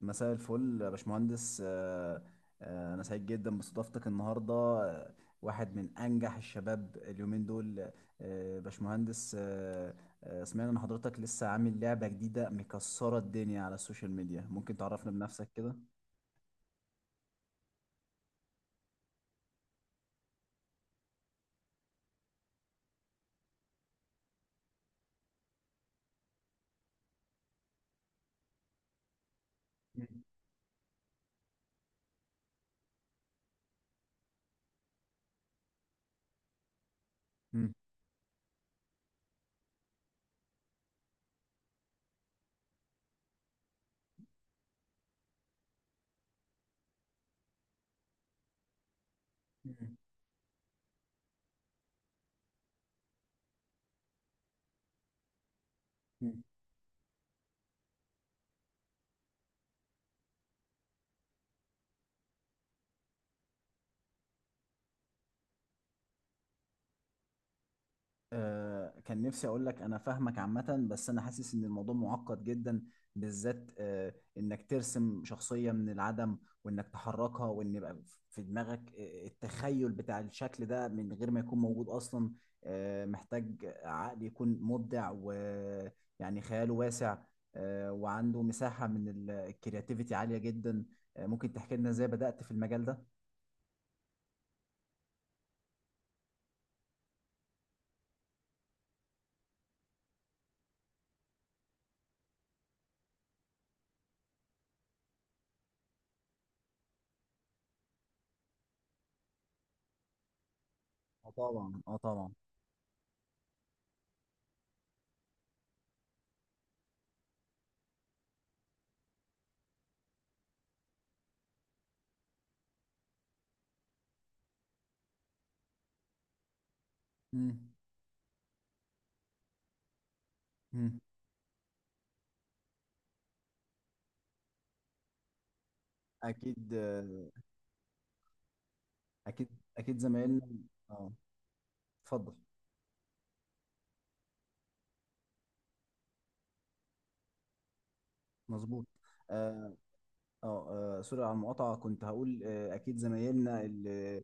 مساء الفل يا باشمهندس، أنا سعيد جدا باستضافتك النهاردة، واحد من أنجح الشباب اليومين دول، باشمهندس. سمعنا إن حضرتك لسه عامل لعبة جديدة مكسرة الدنيا على السوشيال ميديا، ممكن تعرفنا بنفسك كده؟ مم. مم. كان نفسي اقول لك انا فاهمك عامة، بس انا حاسس ان الموضوع معقد جدا، بالذات انك ترسم شخصية من العدم، وانك تحركها، وان يبقى في دماغك التخيل بتاع الشكل ده من غير ما يكون موجود اصلا. محتاج عقل يكون مبدع ويعني خياله واسع، وعنده مساحة من الكرياتيفيتي عالية جدا. ممكن تحكي لنا ازاي بدأت في المجال ده؟ اه طبعا، اه طبعا. مم. مم. اكيد، اكيد. اكيد زمايلنا. اه، اتفضل. مظبوط. اه، اه. سوري على المقاطعه، كنت هقول اكيد زمايلنا اللي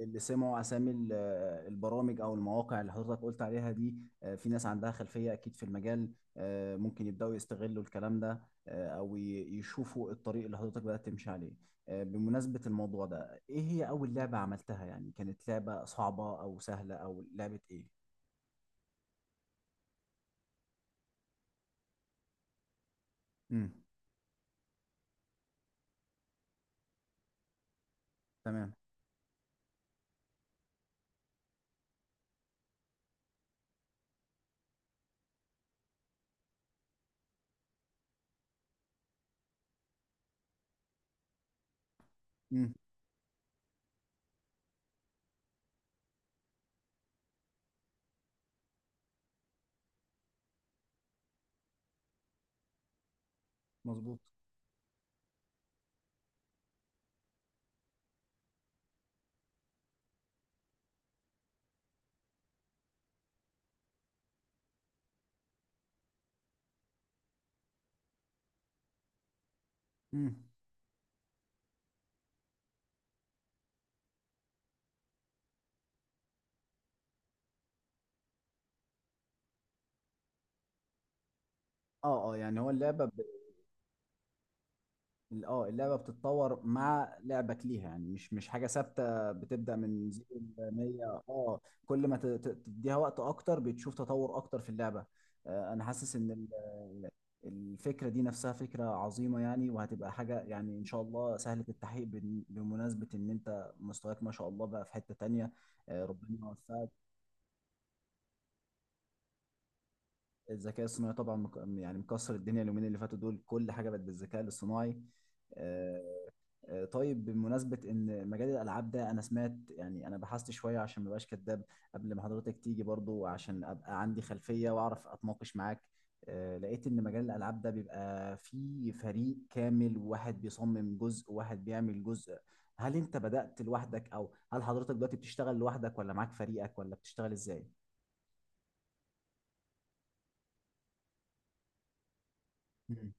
اللي سمعوا اسامي البرامج او المواقع اللي حضرتك قلت عليها دي، في ناس عندها خلفيه اكيد في المجال، ممكن يبداوا يستغلوا الكلام ده، او يشوفوا الطريق اللي حضرتك بدات تمشي عليه. بمناسبه الموضوع ده، ايه هي اول لعبه عملتها؟ يعني كانت لعبه صعبه او سهله او لعبه ايه؟ امم. تمام. امم. مظبوط. مم. اه، اه. يعني هو اللعبه اه، اللعبه بتتطور مع لعبك ليها، يعني مش حاجه ثابته، بتبدا من زيرو ل 100. اه، كل ما تديها وقت اكتر بتشوف تطور اكتر في اللعبه. انا حاسس ان الفكره دي نفسها فكره عظيمه يعني، وهتبقى حاجه يعني ان شاء الله سهله التحقيق، بمناسبه ان انت مستواك ما شاء الله بقى في حته تانية. ربنا يوفقك. الذكاء الصناعي طبعا يعني مكسر الدنيا اليومين اللي فاتوا دول، كل حاجه بقت بالذكاء الاصطناعي. آه، طيب، بمناسبة إن مجال الألعاب ده، أنا سمعت يعني، أنا بحثت شوية عشان ما بقاش كداب قبل ما حضرتك تيجي برضو، عشان أبقى عندي خلفية وأعرف أتناقش معاك. لقيت إن مجال الألعاب ده بيبقى فيه فريق كامل، وواحد بيصمم جزء وواحد بيعمل جزء. هل أنت بدأت لوحدك، أو هل حضرتك دلوقتي بتشتغل لوحدك ولا معاك فريقك ولا بتشتغل إزاي؟ مم.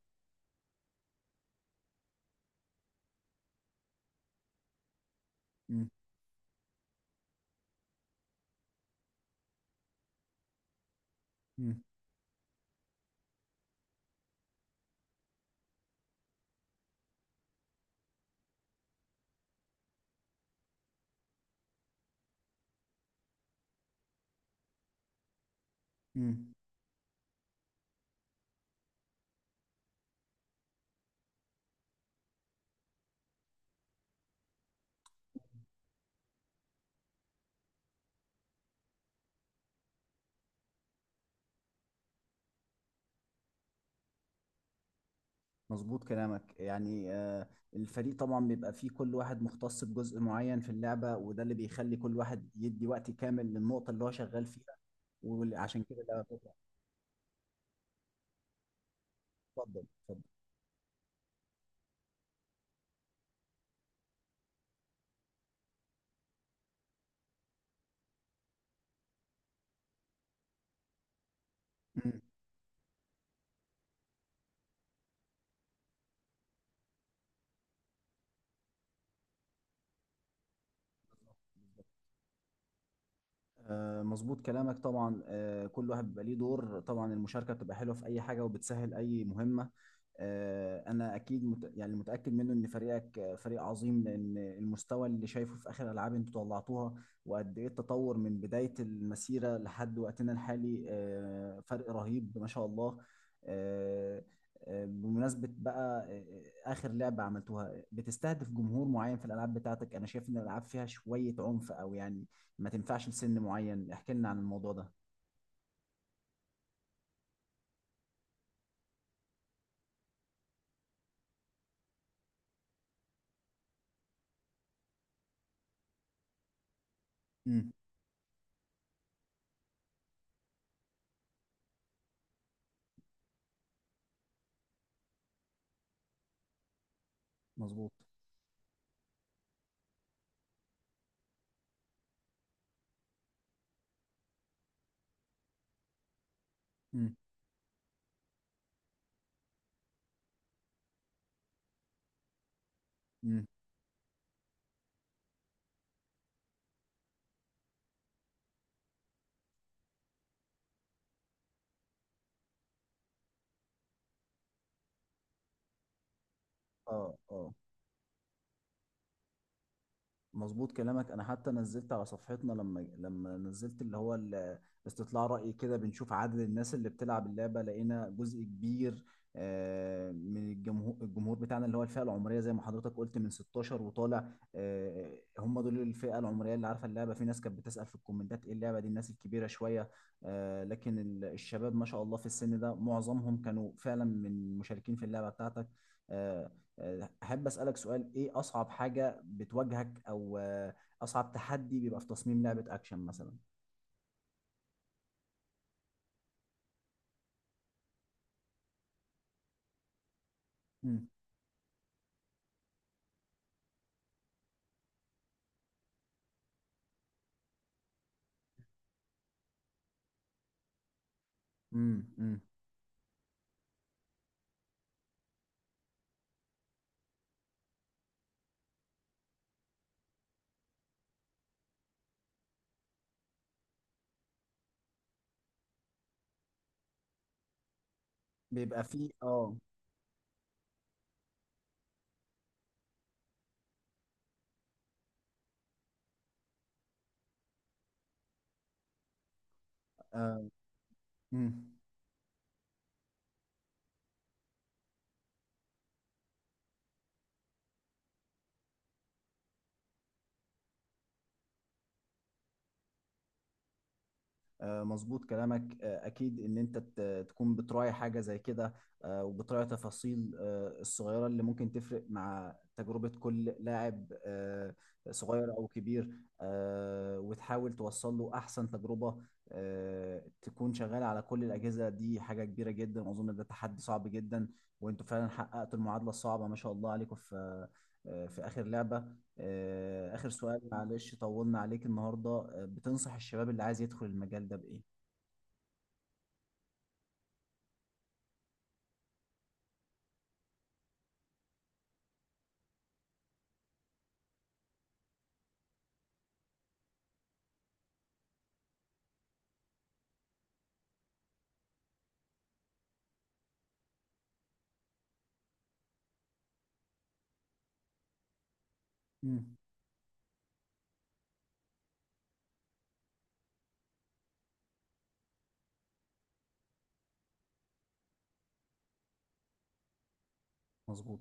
مم. مم. مظبوط كلامك يعني. الفريق طبعا بيبقى فيه كل واحد مختص بجزء معين في اللعبة، وده اللي بيخلي كل واحد يدي وقت كامل للنقطة اللي هو شغال فيها، وعشان كده لا تطلع. اتفضل، اتفضل. مم. مظبوط كلامك طبعا، كل واحد بيبقى ليه دور، طبعا المشاركة بتبقى حلوة في أي حاجة وبتسهل أي مهمة. انا اكيد يعني متاكد منه ان فريقك فريق عظيم، لان المستوى اللي شايفه في اخر العاب انتوا طلعتوها وقد ايه التطور من بدايه المسيره لحد وقتنا الحالي، فرق رهيب ما شاء الله. آه، بمناسبه بقى، اخر لعبه عملتوها بتستهدف جمهور معين. في الالعاب بتاعتك، انا شايف ان الالعاب فيها شويه عنف، او يعني ما تنفعش لسن معين، احكي لنا عن الموضوع ده. امم. مظبوط. امم. امم. اه، اه. مظبوط كلامك. انا حتى نزلت على صفحتنا، لما نزلت اللي هو استطلاع رأي كده بنشوف عدد الناس اللي بتلعب اللعبة، لقينا جزء كبير من الجمهور. الجمهور بتاعنا اللي هو الفئة العمرية زي ما حضرتك قلت من 16 وطالع، هم دول الفئة العمرية اللي عارفة اللعبة. في ناس كانت بتسأل في الكومنتات ايه اللعبة دي، الناس الكبيرة شوية، لكن الشباب ما شاء الله في السن ده معظمهم كانوا فعلا من مشاركين في اللعبة بتاعتك. آه، احب اسالك سؤال، ايه اصعب حاجه بتواجهك؟ او اصعب تحدي بيبقى في تصميم لعبه اكشن مثلا؟ امم. امم. بيبقى فيه اه. امم. مظبوط كلامك، اكيد ان انت تكون بتراعي حاجه زي كده، وبتراعي تفاصيل الصغيره اللي ممكن تفرق مع تجربه كل لاعب، صغير او كبير، وتحاول توصل له احسن تجربه. تكون شغال على كل الاجهزه دي حاجه كبيره جدا، واظن ده تحدي صعب جدا، وانتوا فعلا حققتوا المعادله الصعبه ما شاء الله عليكم في اخر لعبه. آخر سؤال، معلش طولنا عليك النهاردة، بتنصح الشباب اللي عايز يدخل المجال ده بإيه؟ مم. مظبوط.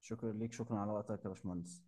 شكرا ليك، شكرا على وقتك يا باشمهندس.